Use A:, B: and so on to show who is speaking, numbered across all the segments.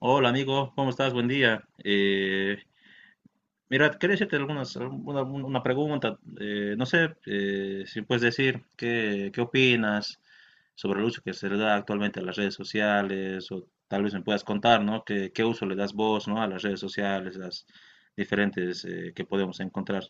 A: Hola amigo, ¿cómo estás? Buen día. Mira, quería hacerte una pregunta. No sé si puedes decir qué opinas sobre el uso que se le da actualmente a las redes sociales, o tal vez me puedas contar, ¿no? Qué uso le das vos? ¿No? A las redes sociales, las diferentes que podemos encontrar.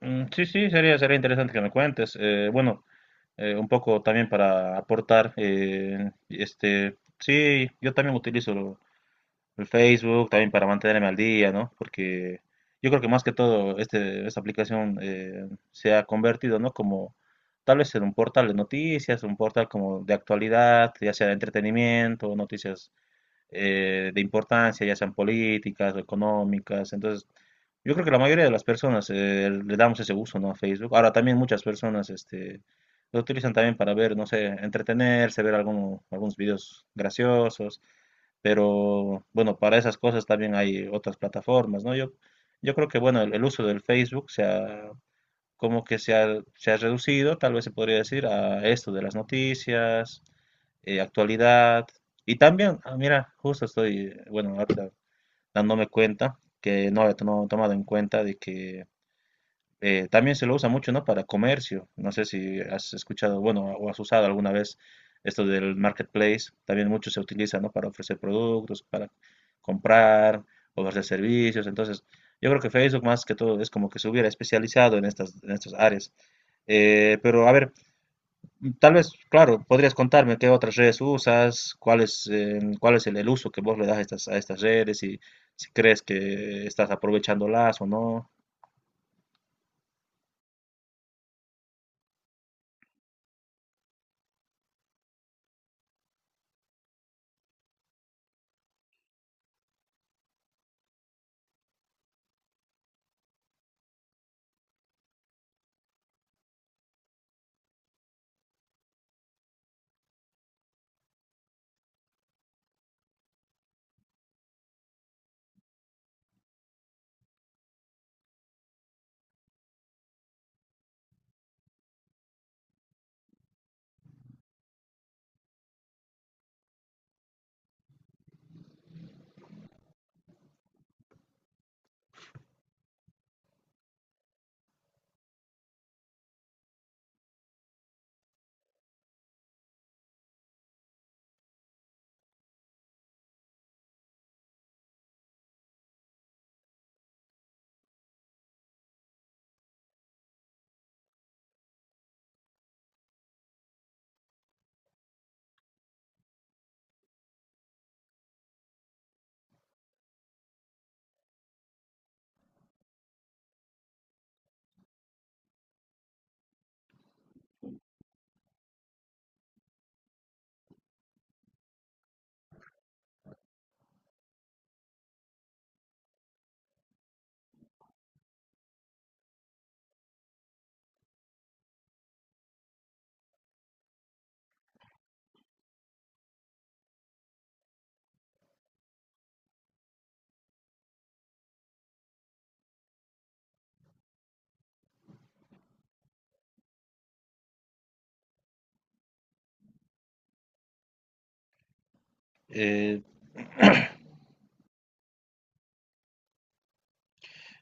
A: Sí, sí, sería interesante que me cuentes. Bueno, un poco también para aportar, sí, yo también utilizo el Facebook también para mantenerme al día, ¿no? Porque yo creo que más que todo esta aplicación se ha convertido, ¿no? Como tal vez en un portal de noticias, un portal como de actualidad, ya sea de entretenimiento, noticias de importancia, ya sean políticas o económicas. Entonces, yo creo que la mayoría de las personas le damos ese uso, ¿no? A Facebook. Ahora también muchas personas, lo utilizan también para ver, no sé, entretenerse, ver algunos videos graciosos. Pero bueno, para esas cosas también hay otras plataformas, ¿no? Yo creo que bueno, el uso del Facebook como que se ha, se ha reducido, tal vez se podría decir, a esto de las noticias, actualidad. Y también, ah, mira, justo estoy, bueno, ahorita dándome cuenta que no había tomado en cuenta de que también se lo usa mucho, ¿no? Para comercio. No sé si has escuchado, bueno, o has usado alguna vez esto del marketplace. También mucho se utiliza, ¿no? Para ofrecer productos, para comprar, ofrecer servicios. Entonces, yo creo que Facebook más que todo es como que se hubiera especializado en estas áreas. Pero a ver, tal vez, claro, podrías contarme qué otras redes usas, cuál es el uso que vos le das a estas redes, y si crees que estás aprovechándolas o no. Eh,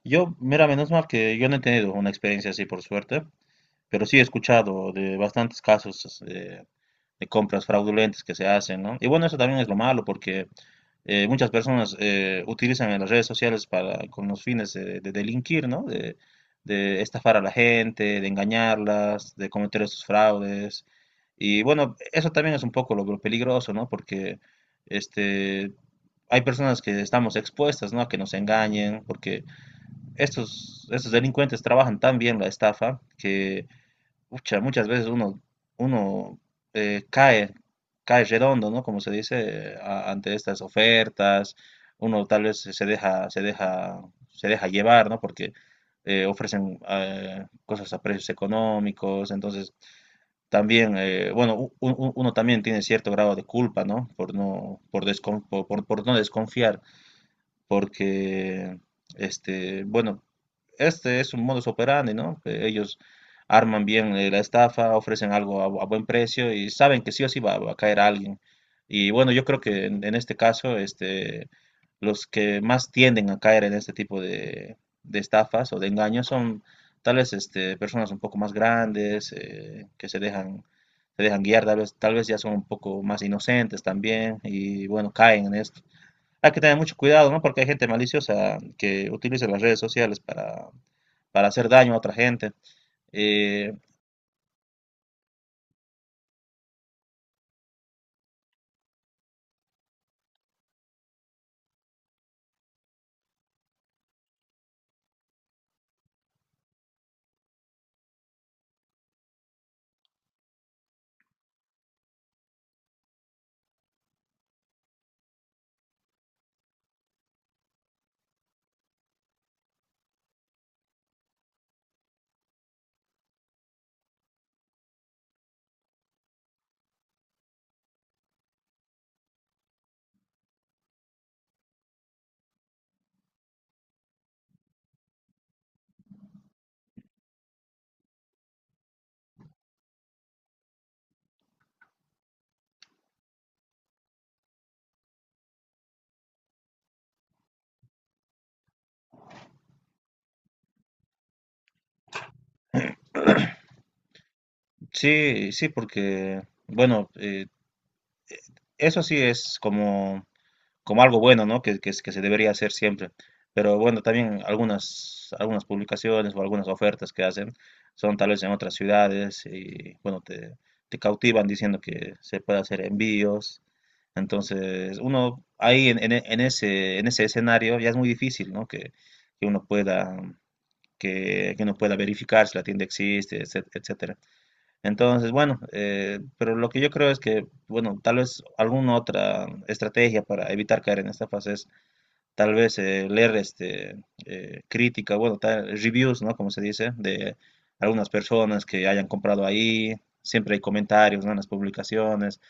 A: Yo, mira, menos mal que yo no he tenido una experiencia así por suerte, pero sí he escuchado de bastantes casos de compras fraudulentas que se hacen, ¿no? Y bueno, eso también es lo malo porque muchas personas utilizan las redes sociales para, con los fines de delinquir, ¿no? De estafar a la gente, de engañarlas, de cometer esos fraudes. Y bueno, eso también es un poco lo peligroso, ¿no? Porque este, hay personas que estamos expuestas, ¿no? A que nos engañen, porque estos delincuentes trabajan tan bien la estafa que ucha, muchas veces uno eh, cae, cae redondo, ¿no? Como se dice, a- ante estas ofertas, uno tal vez se deja llevar, ¿no? Porque ofrecen cosas a precios económicos, entonces también, bueno, uno también tiene cierto grado de culpa, ¿no? Por no, por no desconfiar, porque, bueno, este es un modus operandi, ¿no? Que ellos arman bien la estafa, ofrecen algo a buen precio y saben que sí o sí va a caer alguien. Y bueno, yo creo que en este caso, los que más tienden a caer en este tipo de estafas o de engaños son tal vez personas un poco más grandes, que se dejan guiar, tal vez ya son un poco más inocentes también y bueno, caen en esto. Hay que tener mucho cuidado, ¿no? Porque hay gente maliciosa que utiliza las redes sociales para hacer daño a otra gente. Eh, sí, sí, porque, bueno, eso sí es como, como algo bueno, ¿no? Que se debería hacer siempre. Pero bueno, también algunas publicaciones o algunas ofertas que hacen son tal vez en otras ciudades y, bueno, te cautivan diciendo que se puede hacer envíos. Entonces, uno ahí en ese escenario ya es muy difícil, ¿no? Que uno pueda, que uno pueda verificar si la tienda existe, etcétera. Entonces, bueno, pero lo que yo creo es que, bueno, tal vez alguna otra estrategia para evitar caer en estafas es tal vez leer bueno, reviews, ¿no? Como se dice, de algunas personas que hayan comprado ahí. Siempre hay comentarios, ¿no? En las publicaciones.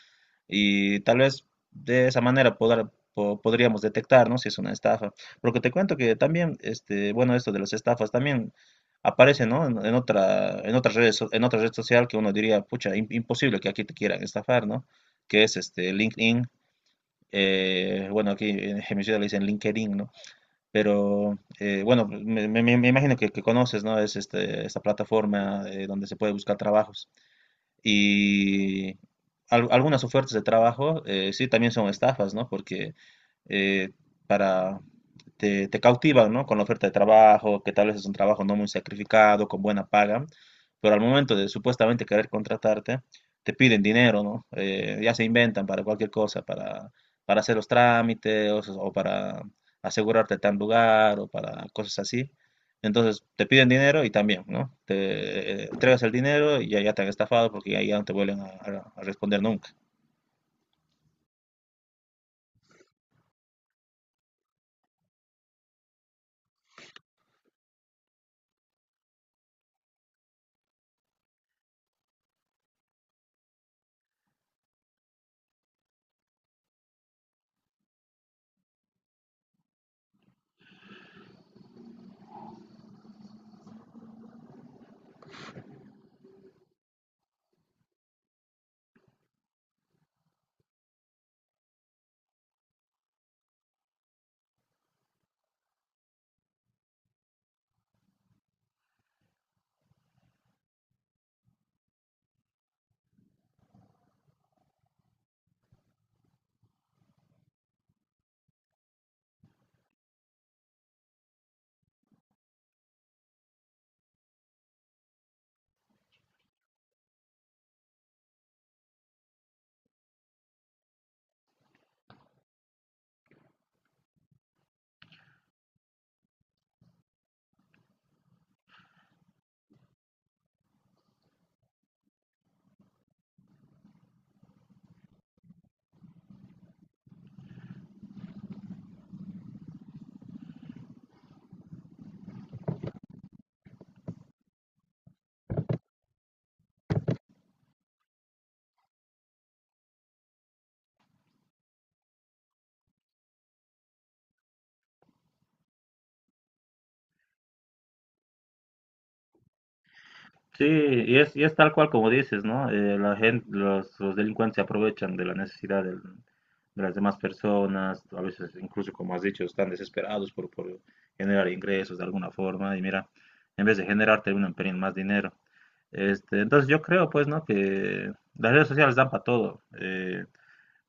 A: Y tal vez de esa manera podríamos detectar, ¿no? Si es una estafa. Porque te cuento que también, bueno, esto de las estafas también aparece, ¿no? En otra, en otras redes, en otra red social que uno diría, pucha, imposible que aquí te quieran estafar, ¿no? Que es este LinkedIn. Bueno, aquí en mi ciudad le dicen LinkedIn, ¿no? Pero bueno, me imagino que conoces, ¿no? Es este, esta plataforma donde se puede buscar trabajos. Y algunas ofertas de trabajo sí también son estafas, ¿no? Porque eh, para, te, te cautivan, ¿no? Con la oferta de trabajo, que tal vez es un trabajo no muy sacrificado, con buena paga, pero al momento de supuestamente querer contratarte, te piden dinero, ¿no? Ya se inventan para cualquier cosa, para hacer los trámites o para asegurarte tal lugar o para cosas así. Entonces te piden dinero y también, ¿no? Te entregas el dinero y ya, ya te han estafado porque ya, ya no te vuelven a, a responder nunca. Sí, y es tal cual como dices, ¿no? La gente, los delincuentes se aprovechan de la necesidad del, de las demás personas, a veces incluso como has dicho, están desesperados por generar ingresos de alguna forma y mira, en vez de generar terminan perdiendo más dinero. Entonces yo creo pues, ¿no? Que las redes sociales dan para todo.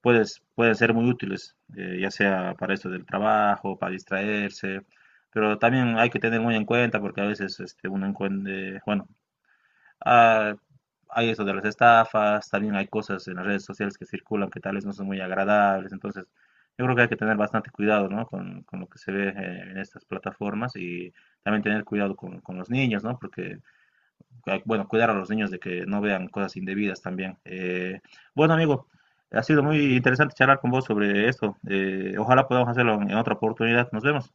A: Puedes, pueden ser muy útiles, ya sea para esto del trabajo, para distraerse, pero también hay que tener muy en cuenta porque a veces uno encuentra, bueno, ah, hay eso de las estafas, también hay cosas en las redes sociales que circulan que tal vez no son muy agradables, entonces yo creo que hay que tener bastante cuidado, ¿no? Con lo que se ve en estas plataformas, y también tener cuidado con los niños, ¿no? Porque, bueno, cuidar a los niños de que no vean cosas indebidas también. Bueno, amigo, ha sido muy interesante charlar con vos sobre esto. Ojalá podamos hacerlo en otra oportunidad. Nos vemos.